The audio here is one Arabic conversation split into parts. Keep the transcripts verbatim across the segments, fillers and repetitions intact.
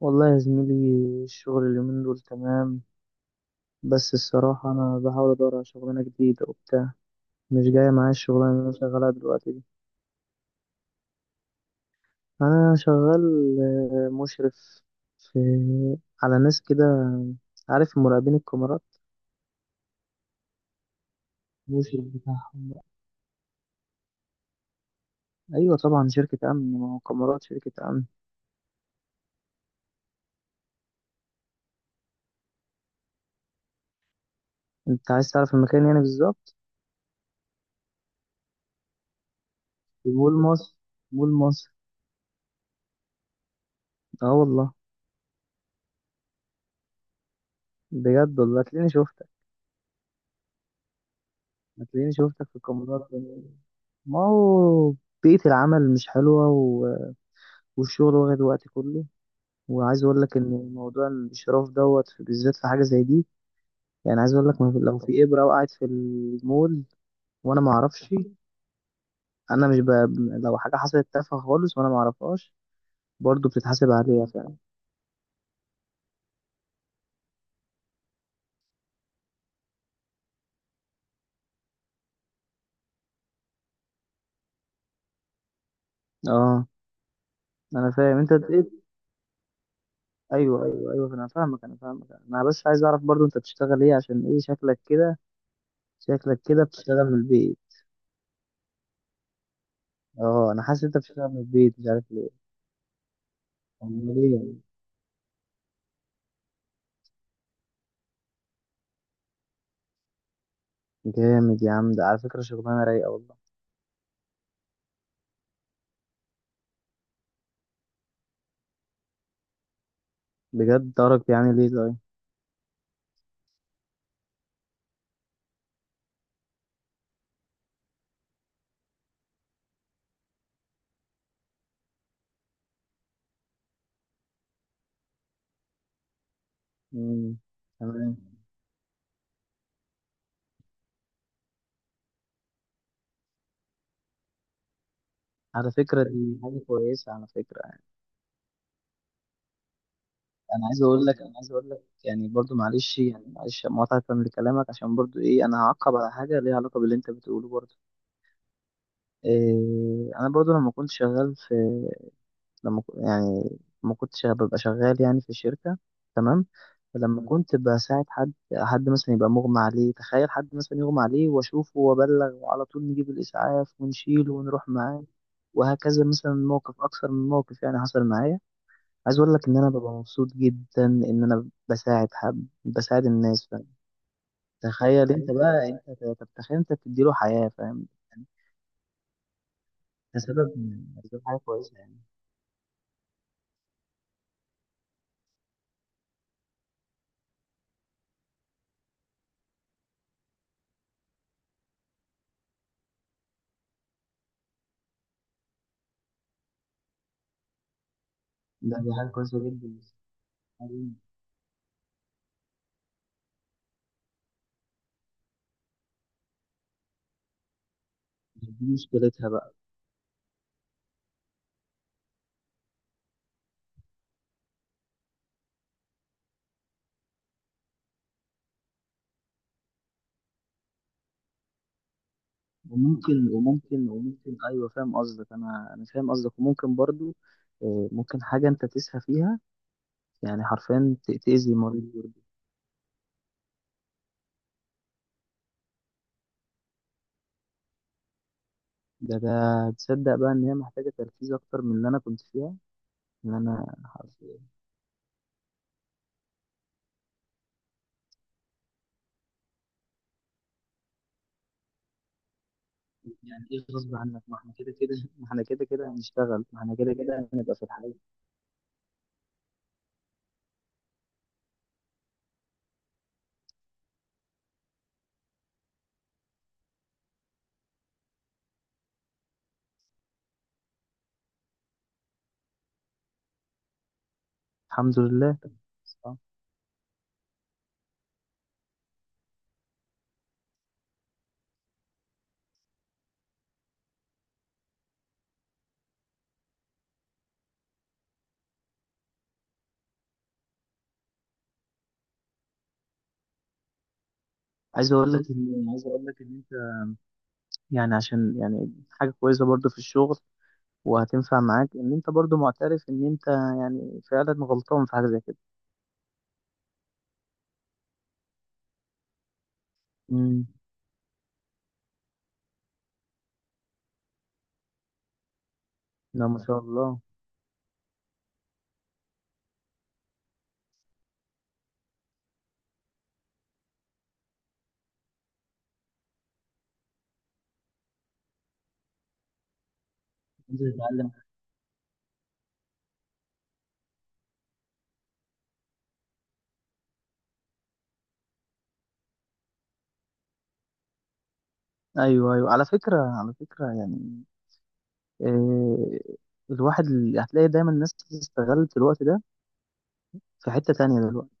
والله يا زميلي، الشغل اليومين دول تمام. بس الصراحة أنا بحاول أدور على شغلانة جديدة وبتاع. مش جاية معايا الشغلانة اللي أنا شغالها دلوقتي دي. أنا شغال آه، مشرف في على ناس كده، عارف، مراقبين الكاميرات، مشرف بتاعهم. أيوة طبعا، شركة أمن، ما هو كاميرات شركة أمن. أنت عايز تعرف المكان يعني بالظبط؟ في مول مصر. مول مصر. أه والله. بجد والله هتلاقيني شفتك. هتلاقيني شفتك في الكاميرات. ما هو بيئة العمل مش حلوة و... والشغل واخد وقتي كله. وعايز أقول لك إن موضوع الانشراف دوت في- بالذات في حاجة زي دي. يعني عايز أقول لك، ما في- لو في إبرة وقعت في المول وأنا ما أعرفش. أنا مش ب... لو حاجة حصلت تافهة خالص وأنا ما أعرفهاش، برضه بتتحاسب عليها فعلا. أه، أنا فاهم أنت إيه. أيوه أيوه أيوه، أنا فاهمك، أنا فاهمك. أنا بس عايز أعرف برضه أنت بتشتغل إيه، عشان إيه شكلك كده. شكلك كده بتشتغل من البيت. أه، أنا حاسس أنت بتشتغل من البيت، مش عارف ليه. أمال إيه يعني؟ جامد يا عم، ده على فكرة شغلانة رايقة والله. بجد درجة يعني ليه ده؟ مم. تمام. على فكرة دي حاجة كويسة على فكرة يعني. أنا عايز أقول لك، أنا عايز أقول لك يعني برضو، معلش يعني، معلش مقاطعة لكلامك، عشان برضو إيه، أنا هعقب على حاجة ليها علاقة باللي أنت بتقوله برضو. إيه، أنا برضو لما كنت شغال في، لما ك- يعني ما كنتش ببقى شغال يعني في الشركة. تمام. فلما كنت بساعد حد، حد مثلا يبقى مغمى عليه، تخيل حد مثلا يغمى عليه، واشوفه وابلغ وعلى طول نجيب الاسعاف ونشيله ونروح معاه، وهكذا. مثلا موقف اكثر من موقف يعني حصل معايا. عايز اقول لك ان انا ببقى مبسوط جدا ان انا بساعد حد، بساعد الناس، فاهم. تخيل انت بقى، انت ت- تتخيل انت بتديله حياة، فاهم يعني. ده سبب من أسباب حاجة كويسة يعني. ده دي حاجة كويسة جدا. دي مشكلتها بقى. وممكن، وممكن، وممكن، ايوه فاهم قصدك. انا انا فاهم قصدك وممكن برضو. آه، ممكن حاجه انت تسهى فيها، يعني حرفيا ت- تاذي المريض برضو. ده ده تصدق بقى ان هي محتاجه تركيز اكتر من اللي انا كنت فيها، ان انا حرفيا. يعني ايه غصب عنك؟ ما احنا كده كده ما احنا كده كده هنشتغل، ما احنا كده كده هنبقى في الحياه. الحمد لله. صح. عايز اقول لك ان، عايز اقول لك ان انت، يعني عشان يعني حاجه كويسه برضو في الشغل وهتنفع معاك، ان انت برضو معترف ان انت يعني فعلا غلطان في حاجه زي كده. امم. لا ما شاء الله. انزل اتعلم. ايوه ايوه، على فكره، على فكره يعني إيه، الواحد ال- هتلاقي دايما الناس استغلت الوقت ده في حته تانية دلوقتي.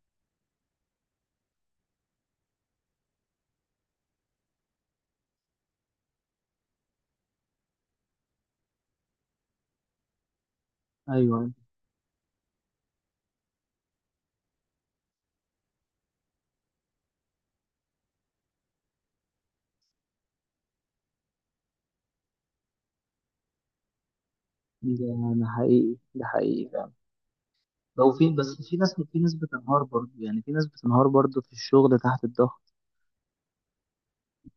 ايوه. ده ده حقيقي، ده حقيقي فعلا. لو في، بس في ناس، في ناس بتنهار برضه، يعني في ناس بتنهار برضو في الشغل تحت الضغط.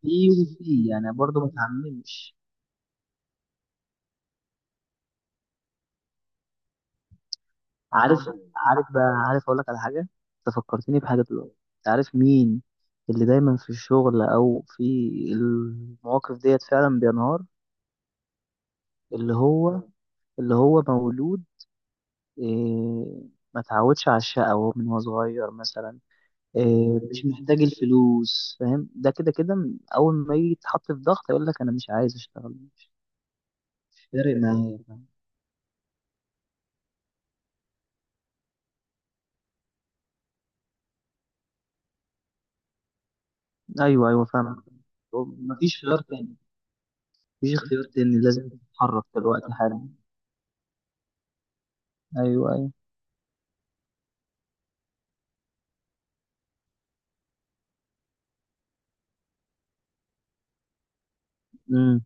في وفي يعني، برضه ما تعممش. عارف، عارف بقى، عارف اقول لك على حاجه. انت فكرتني بحاجه دلوقتي. انت عارف مين اللي دايما في الشغل او في المواقف ديت فعلا بينهار؟ اللي هو اللي هو مولود، إيه، ما اتعودش على الشقاوة من هو صغير مثلا، إيه، مش محتاج الفلوس، فاهم، ده كده كده. اول ما يجي يتحط في ضغط يقول لك انا مش عايز اشتغل، مش فارق معايا. ايوه ايوه فاهم. مفيش خيار تاني. مفيش اختيار تاني، لازم تتحرك دلوقتي حالا. ايوه ايوه. امم.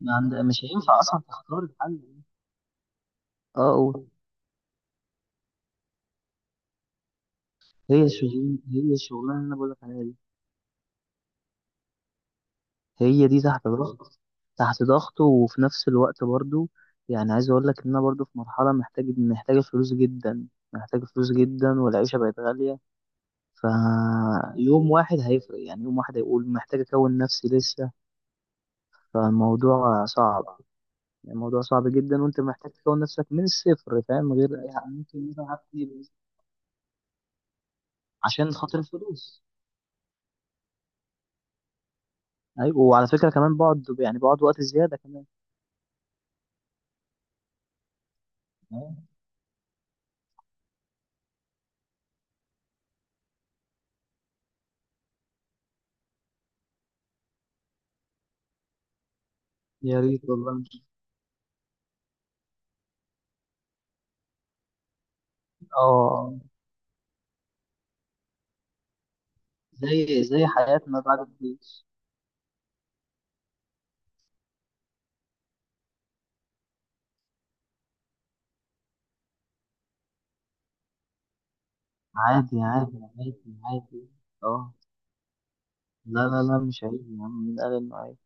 ما عند... مش هينفع اصلا تختار الحل. اه قول. هي الشغلانه هي الشغلانه اللي انا بقول لك عليها دي. هي دي تحت ضغط. تحت ضغط، وفي نفس الوقت برضو يعني عايز اقول لك ان انا برضو في مرحله، محتاج محتاجه فلوس جدا، محتاجه فلوس جدا، والعيشه بقت غاليه. فيوم واحد هيفرق، يعني يوم واحد هيقول محتاج اكون نفسي لسه. فالموضوع صعب. يعني الموضوع صعب جدا، وانت محتاج تكون نفسك من الصفر، فاهم، غير يعني ممكن مثلا، عارف إيه، عشان خاطر الفلوس. ايوه، وعلى فكره كمان بقعد، يعني بقعد وقت زياده كمان. آه، يا ريت والله. اه، زي زي حياتنا بعد الجيش. عادي عادي عادي عادي. اه، لا لا لا، مش عيب يا عم، مين قال انه عيب؟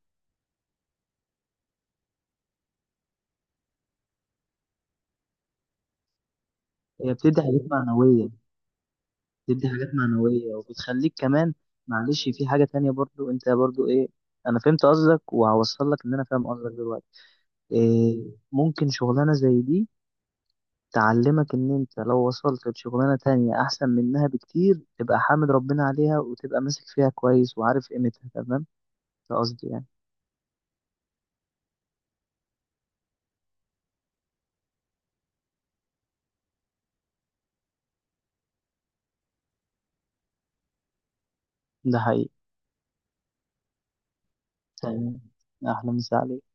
هي بتدي حاجات معنوية، بتدي حاجات معنوية وبتخليك كمان، معلش، في حاجة تانية برضو، انت برضو ايه. انا فهمت قصدك، وهوصل لك ان انا فاهم قصدك دلوقتي. إيه، ممكن شغلانة زي دي تعلمك ان انت لو وصلت لشغلانة تانية احسن منها بكتير، تبقى حامد ربنا عليها، وتبقى ماسك فيها كويس وعارف قيمتها تمام. ده قصدي يعني. ده حقيقي. طب تمام، احلى مسا عليك.